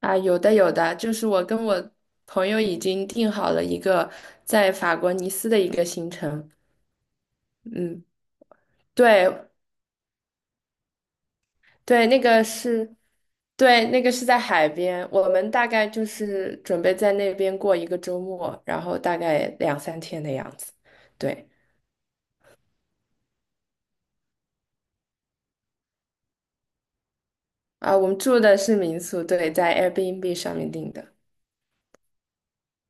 啊，有的有的，就是我跟我朋友已经定好了一个在法国尼斯的一个行程。嗯，对对，那个是，对，那个是在海边，我们大概就是准备在那边过一个周末，然后大概两三天的样子。对，啊，我们住的是民宿，对，在 Airbnb 上面订的。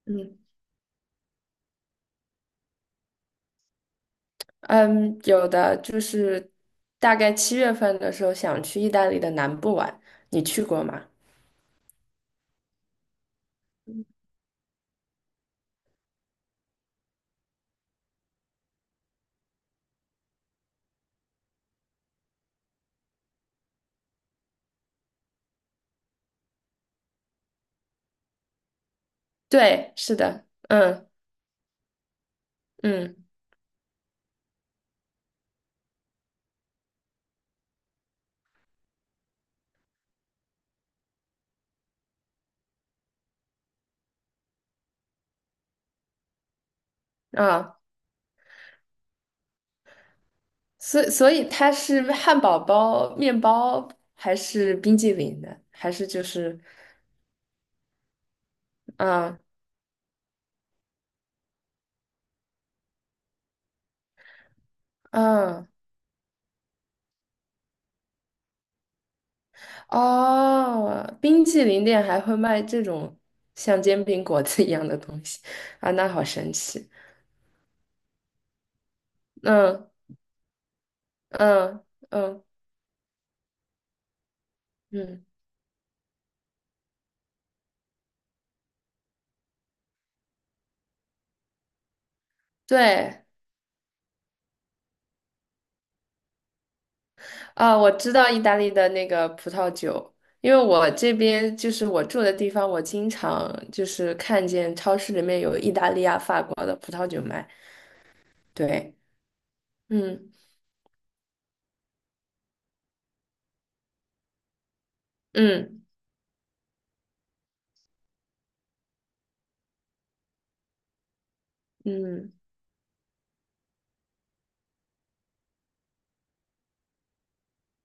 嗯嗯，有的就是大概七月份的时候想去意大利的南部玩，你去过吗？对，是的，嗯嗯啊，所以它是汉堡包、面包还是冰激凌的？还是就是嗯嗯哦，冰激凌店还会卖这种像煎饼果子一样的东西啊，那好神奇。嗯嗯嗯嗯，对啊，我知道意大利的那个葡萄酒，因为我这边就是我住的地方，我经常就是看见超市里面有意大利啊、法国的葡萄酒卖。对，嗯嗯嗯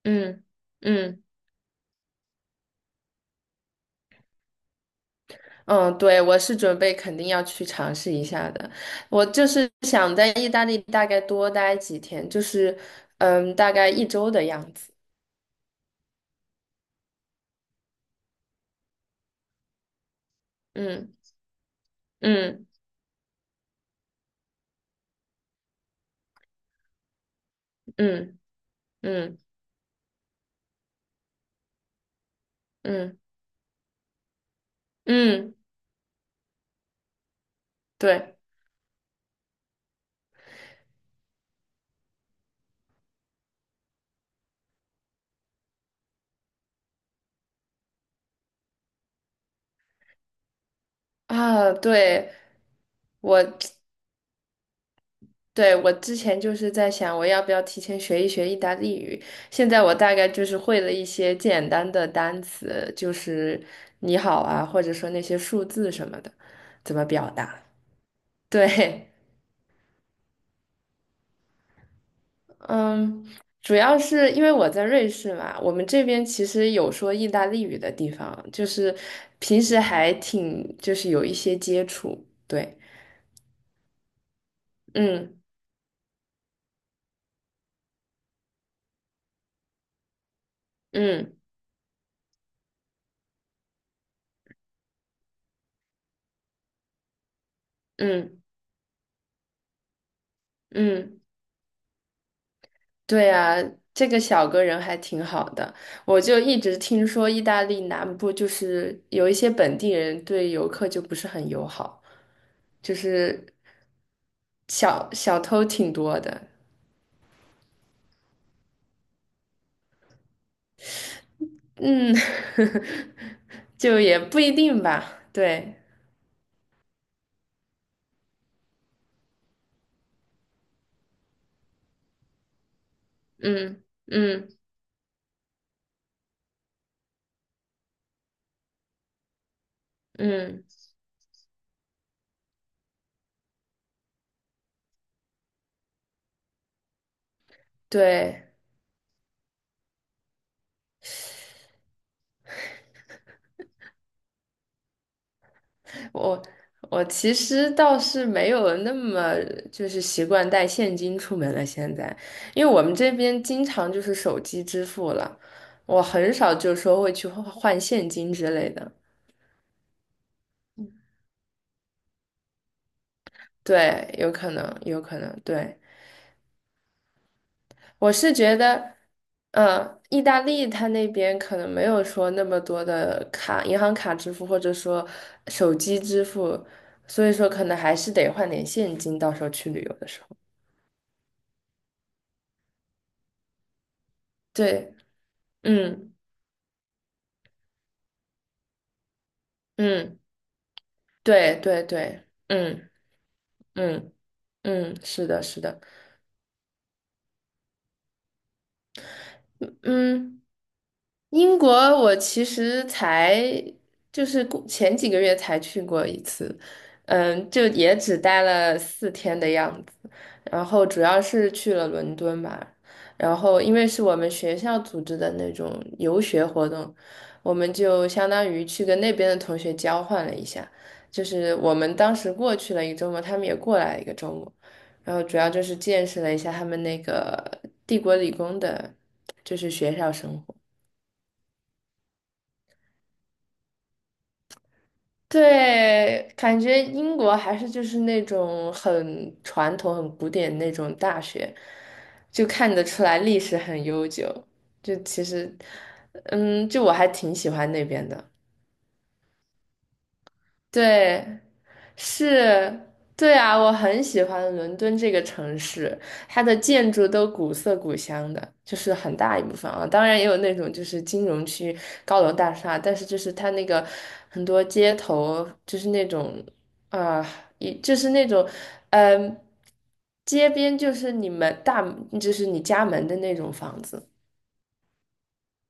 嗯嗯嗯，对，我是准备肯定要去尝试一下的。我就是想在意大利大概多待几天，就是嗯，大概一周的样子。嗯嗯嗯嗯嗯嗯，对啊，对。我对我之前就是在想，我要不要提前学一学意大利语？现在我大概就是会了一些简单的单词，就是你好啊，或者说那些数字什么的，怎么表达？对，嗯，主要是因为我在瑞士嘛，我们这边其实有说意大利语的地方，就是平时还挺就是有一些接触，对，嗯嗯嗯嗯。嗯对啊，这个小哥人还挺好的。我就一直听说意大利南部就是有一些本地人对游客就不是很友好，就是小偷挺多的。嗯，就也不一定吧。对，嗯嗯嗯，对。我我其实倒是没有那么就是习惯带现金出门了，现在，因为我们这边经常就是手机支付了，我很少就说会去换换现金之类的。嗯对，有可能，有可能，对，我是觉得，嗯，意大利它那边可能没有说那么多的卡，银行卡支付或者说手机支付，所以说可能还是得换点现金，到时候去旅游的时候。对，嗯。嗯，对对对，嗯嗯嗯，是的，是的，嗯。英国我其实才就是过前几个月才去过一次，嗯，就也只待了四天的样子，然后主要是去了伦敦吧，然后因为是我们学校组织的那种游学活动，我们就相当于去跟那边的同学交换了一下，就是我们当时过去了一个周末，他们也过来了一个周末，然后主要就是见识了一下他们那个帝国理工的，就是学校生活。对，感觉英国还是就是那种很传统、很古典那种大学，就看得出来历史很悠久。就其实，嗯，就我还挺喜欢那边的。对，是，对啊，我很喜欢伦敦这个城市，它的建筑都古色古香的，就是很大一部分啊。当然也有那种就是金融区高楼大厦，但是就是它那个很多街头就是那种啊，一、就是那种嗯、街边就是你们大就是你家门的那种房子，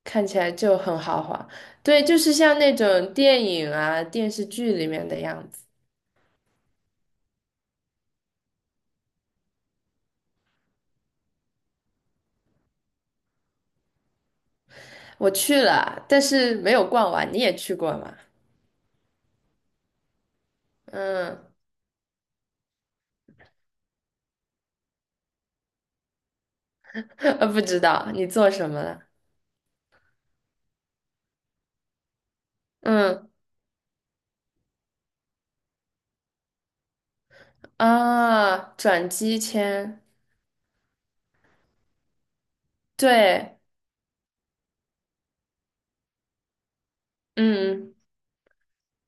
看起来就很豪华。对，就是像那种电影啊、电视剧里面的样子。我去了，但是没有逛完。你也去过吗？嗯，呃，不知道你做什么了。嗯啊，转机签，对，嗯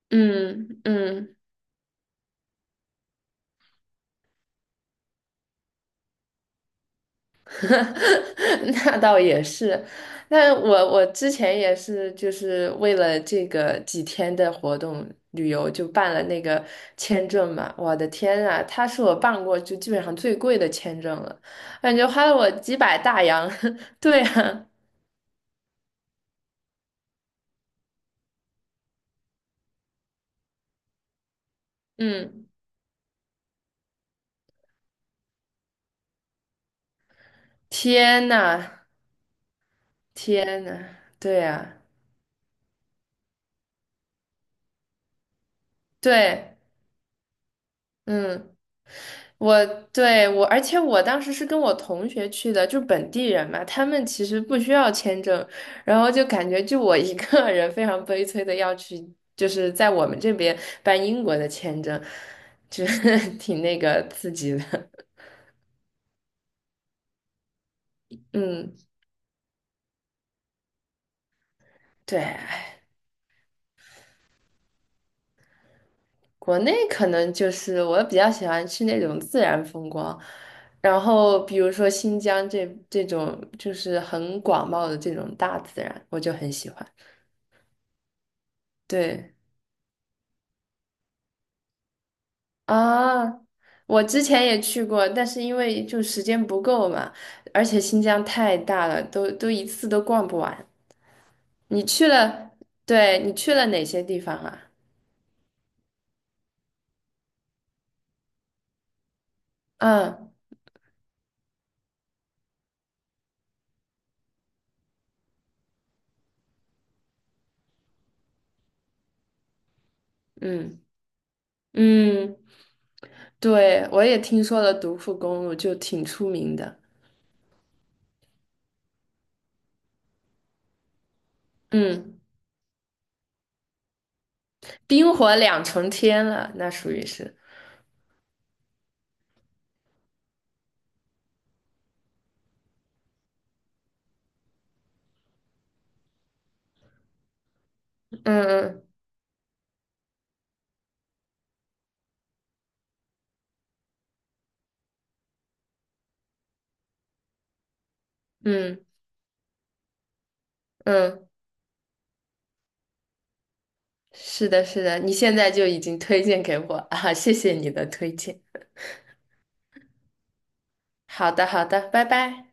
嗯嗯，那倒也是。那我之前也是，就是为了这个几天的活动旅游，就办了那个签证嘛。我的天啊，他是我办过就基本上最贵的签证了，感觉花了我几百大洋。对啊。嗯，天呐，天呐，对呀，对，嗯，我对我，而且我当时是跟我同学去的，就本地人嘛，他们其实不需要签证，然后就感觉就我一个人非常悲催的要去，就是在我们这边办英国的签证，就是 挺那个刺激的，嗯，对，国内可能就是我比较喜欢去那种自然风光，然后比如说新疆这种就是很广袤的这种大自然，我就很喜欢。对啊，我之前也去过，但是因为就时间不够嘛，而且新疆太大了，都一次都逛不完。你去了，对，你去了哪些地方啊？嗯嗯嗯，对，我也听说了独库公路，就挺出名的。嗯。冰火两重天了，那属于是，嗯嗯嗯嗯，是的，是的，你现在就已经推荐给我啊，谢谢你的推荐。好的，好的，拜拜。